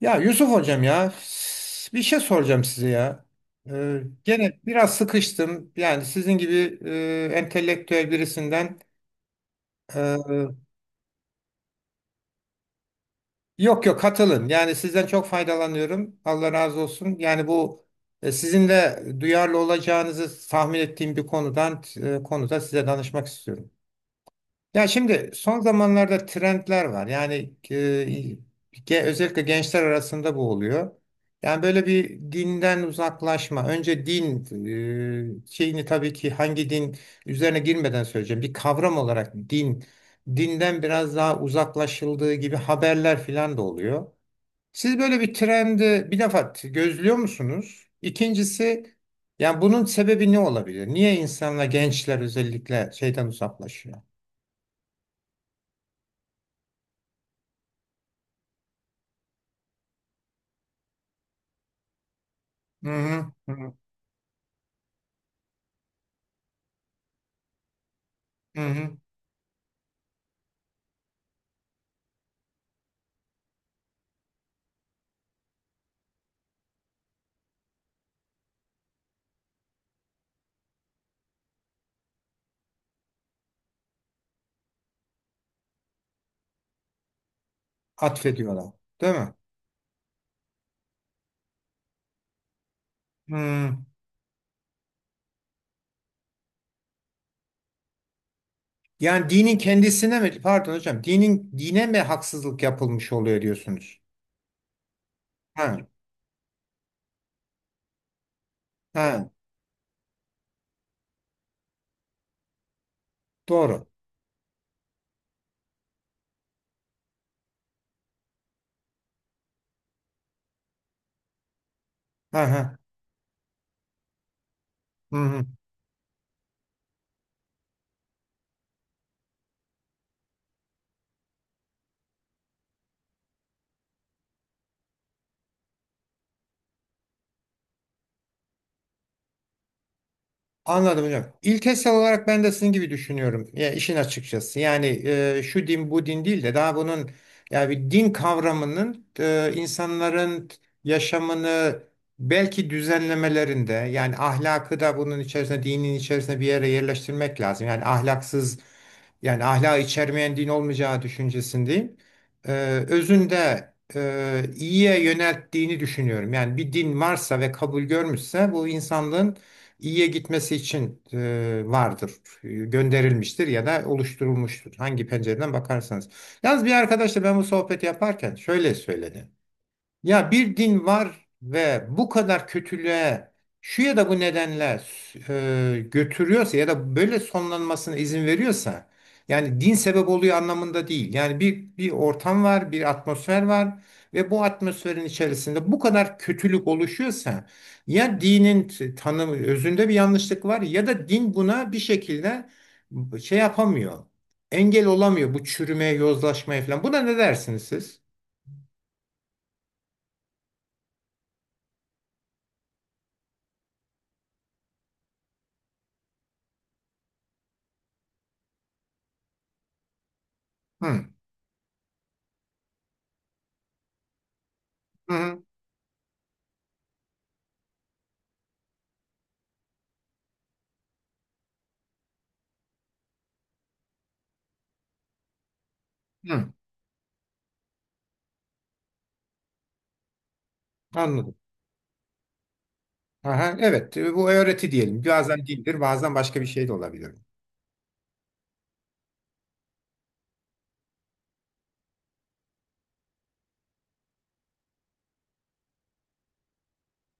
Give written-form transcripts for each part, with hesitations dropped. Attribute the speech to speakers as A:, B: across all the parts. A: Ya Yusuf hocam ya, bir şey soracağım size ya. Gene biraz sıkıştım. Yani sizin gibi entelektüel birisinden e, yok yok katılın. Yani sizden çok faydalanıyorum. Allah razı olsun. Yani bu sizin de duyarlı olacağınızı tahmin ettiğim bir konuda size danışmak istiyorum. Ya şimdi son zamanlarda trendler var. Yani e, özellikle gençler arasında bu oluyor. Yani böyle bir dinden uzaklaşma. Önce din şeyini tabii ki hangi din üzerine girmeden söyleyeceğim. Bir kavram olarak din, dinden biraz daha uzaklaşıldığı gibi haberler falan da oluyor. Siz böyle bir trendi bir defa gözlüyor musunuz? İkincisi yani bunun sebebi ne olabilir? Niye insanlar gençler özellikle şeyden uzaklaşıyor? Hı hı, hı hı, hı hı. Atfediyorlar. Değil mi? Hı. Yani dinin kendisine mi, pardon hocam, dinin dine mi haksızlık yapılmış oluyor diyorsunuz? Ha, ha, doğru. Ha, ha. Anladım hocam. İlkesel olarak ben de sizin gibi düşünüyorum. Ya işin açıkçası. Yani şu din bu din değil de daha bunun yani bir din kavramının insanların yaşamını belki düzenlemelerinde, yani ahlakı da bunun içerisine, dinin içerisine bir yere yerleştirmek lazım. Yani ahlaksız, yani ahlak içermeyen din olmayacağı düşüncesindeyim. Ee, Özünde iyiye yönelttiğini düşünüyorum. Yani bir din varsa ve kabul görmüşse, bu insanlığın iyiye gitmesi için vardır. Gönderilmiştir ya da oluşturulmuştur. Hangi pencereden bakarsanız. Yalnız bir arkadaşla ben bu sohbeti yaparken şöyle söyledi. Ya bir din var ve bu kadar kötülüğe şu ya da bu nedenle götürüyorsa ya da böyle sonlanmasına izin veriyorsa, yani din sebep oluyor anlamında değil. Yani bir ortam var, bir atmosfer var ve bu atmosferin içerisinde bu kadar kötülük oluşuyorsa, ya dinin tanımı özünde bir yanlışlık var ya da din buna bir şekilde şey yapamıyor. Engel olamıyor bu çürümeye, yozlaşmaya falan. Buna ne dersiniz siz? Hı. Hı hı. Hı. Anladım. Aha, evet, e, bu öğreti diyelim. Bazen dildir, bazen başka bir şey de olabilir.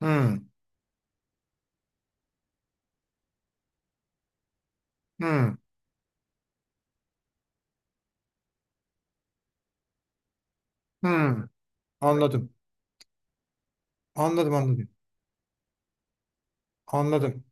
A: Hmm, hmm, hmm. Anladım, anladım, anladım, anladım.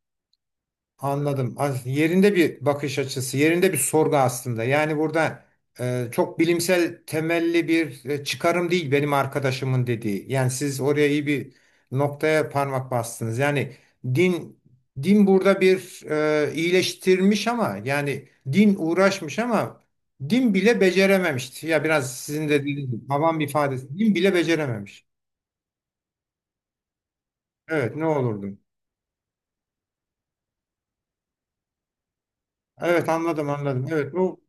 A: Anladım. Yerinde bir bakış açısı, yerinde bir sorgu aslında. Yani burada çok bilimsel temelli bir çıkarım değil benim arkadaşımın dediği. Yani siz oraya iyi bir noktaya parmak bastınız. Yani din din burada bir iyileştirmiş, ama yani din uğraşmış, ama din bile becerememişti. Ya biraz sizin de dediğiniz gibi, havan bir ifadesi. Din bile becerememiş. Evet, ne olurdu? Evet anladım anladım. Evet bu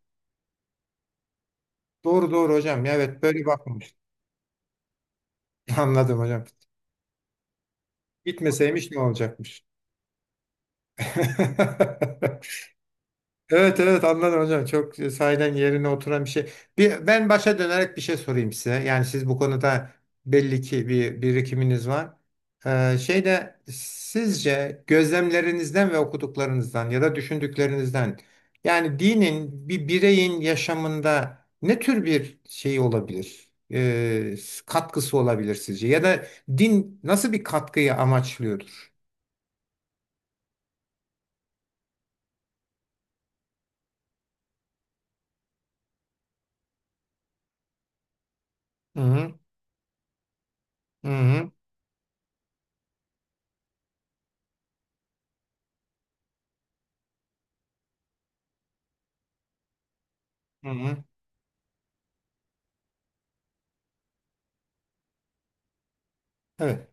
A: doğru, doğru hocam. Evet böyle bakmamış. Anladım hocam. Gitmeseymiş ne olacakmış? Evet evet anladım hocam. Çok sahiden yerine oturan bir şey. Bir, ben başa dönerek bir şey sorayım size. Yani siz bu konuda belli ki bir birikiminiz var. Şeyde sizce gözlemlerinizden ve okuduklarınızdan ya da düşündüklerinizden yani dinin bir bireyin yaşamında ne tür bir şey olabilir? Katkısı olabilir sizce? Ya da din nasıl bir katkıyı amaçlıyordur? Hı hı, hı hı, hı hı. Evet.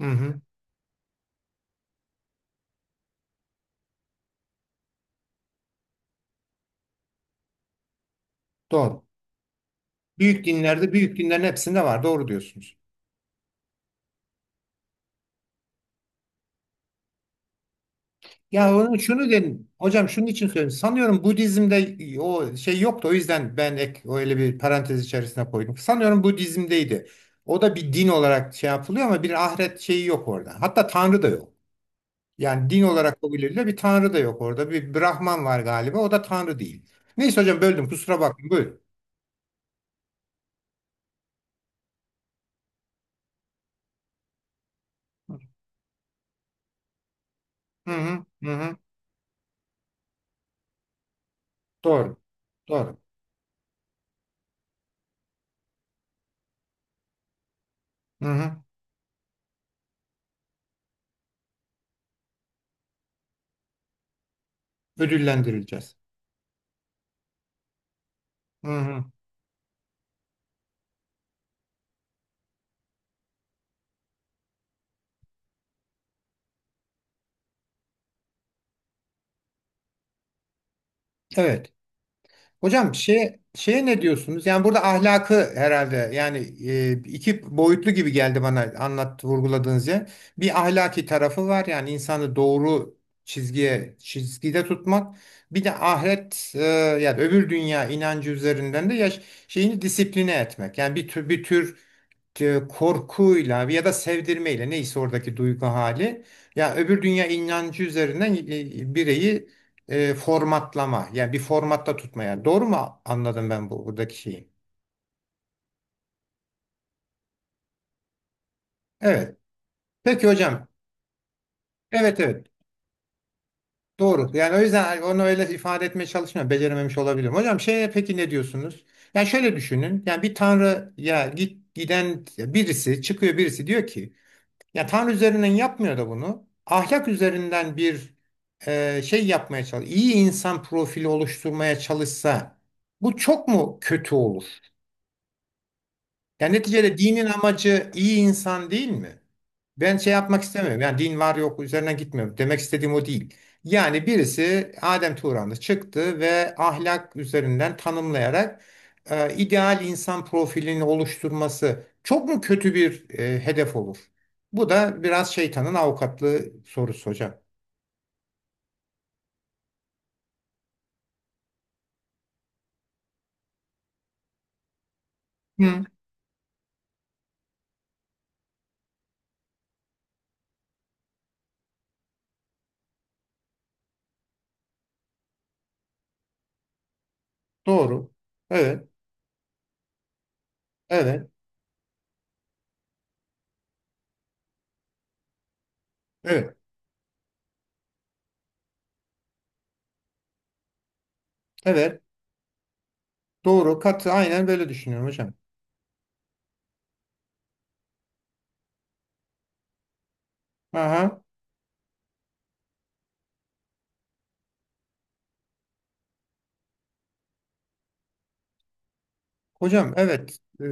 A: Hı hı. Doğru. Büyük dinlerde, büyük dinlerin hepsinde var. Doğru diyorsunuz. Ya onu şunu dedim. Hocam şunun için söylüyorum, sanıyorum Budizm'de o şey yoktu. O yüzden ben ek öyle bir parantez içerisine koydum. Sanıyorum Budizm'deydi. O da bir din olarak şey yapılıyor, ama bir ahiret şeyi yok orada. Hatta tanrı da yok. Yani din olarak kabul edilen bir tanrı da yok orada. Bir Brahman var galiba. O da tanrı değil. Neyse hocam böldüm. Kusura bakmayın. Buyurun. Hı hı, hı hı. Doğru. Doğru. Hı hı. Ödüllendirileceğiz. Hı hı. Evet. Hocam şey, şeye ne diyorsunuz? Yani burada ahlakı herhalde, yani iki boyutlu gibi geldi bana anlat vurguladığınız yer. Bir ahlaki tarafı var, yani insanı doğru çizgide tutmak. Bir de ahiret yani öbür dünya inancı üzerinden de yaş, şeyini disipline etmek. Yani bir tür korkuyla ya da sevdirmeyle, neyse oradaki duygu hali, ya öbür dünya inancı üzerinden bireyi formatlama, yani bir formatta tutmaya, doğru mu anladım ben bu buradaki şeyi? Evet. Peki hocam. Evet evet. Doğru. Yani o yüzden onu öyle ifade etmeye çalışmıyorum. Becerememiş olabilirim. Hocam şeye peki ne diyorsunuz? Yani şöyle düşünün. Yani bir tanrı ya giden birisi çıkıyor, birisi diyor ki ya Tanrı üzerinden yapmıyor da bunu. Ahlak üzerinden bir şey yapmaya çalış. İyi insan profili oluşturmaya çalışsa bu çok mu kötü olur? Yani neticede dinin amacı iyi insan değil mi? Ben şey yapmak istemiyorum. Yani din var yok üzerinden gitmiyorum. Demek istediğim o değil. Yani birisi Adem Turan'ı çıktı ve ahlak üzerinden tanımlayarak ideal insan profilini oluşturması çok mu kötü bir hedef olur? Bu da biraz şeytanın avukatlığı sorusu hocam. Hı, doğru. Evet, evet, evet, evet. Doğru. Katı aynen böyle düşünüyorum hocam. Aha. Hocam evet. E,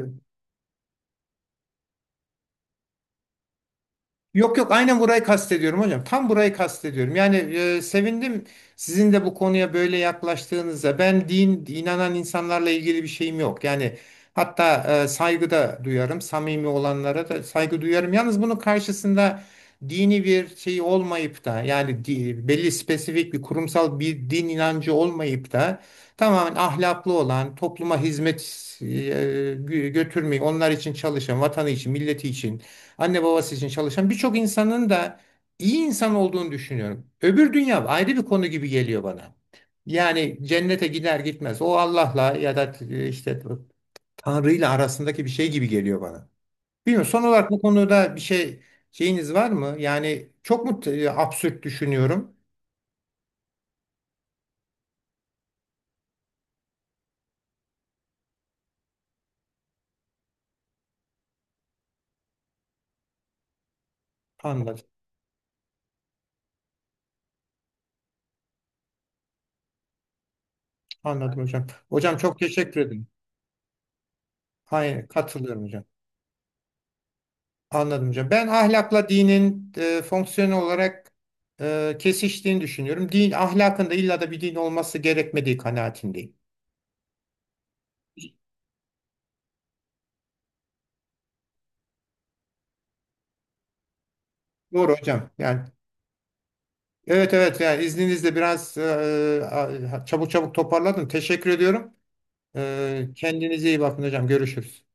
A: yok yok aynen burayı kastediyorum hocam. Tam burayı kastediyorum. Yani sevindim sizin de bu konuya böyle yaklaştığınızda. Ben din inanan insanlarla ilgili bir şeyim yok. Yani hatta saygı da duyarım. Samimi olanlara da saygı duyarım. Yalnız bunun karşısında dini bir şey olmayıp da yani belli spesifik bir kurumsal bir din inancı olmayıp da tamamen ahlaklı olan, topluma hizmet e, götürmeyi, onlar için çalışan, vatanı için, milleti için, anne babası için çalışan birçok insanın da iyi insan olduğunu düşünüyorum. Öbür dünya ayrı bir konu gibi geliyor bana. Yani cennete gider gitmez o Allah'la ya da işte Tanrı'yla arasındaki bir şey gibi geliyor bana. Bilmiyorum, son olarak bu konuda bir şey şeyiniz var mı? Yani çok mu absürt düşünüyorum? Anladım. Anladım hocam. Hocam çok teşekkür ederim. Hayır, katılıyorum hocam. Anladım hocam. Ben ahlakla dinin fonksiyon olarak kesiştiğini düşünüyorum. Din ahlakın da illa da bir din olması gerekmediği kanaatindeyim. Doğru hocam. Yani evet evet, yani izninizle biraz çabuk çabuk toparladım. Teşekkür ediyorum. E, kendinize iyi bakın hocam. Görüşürüz.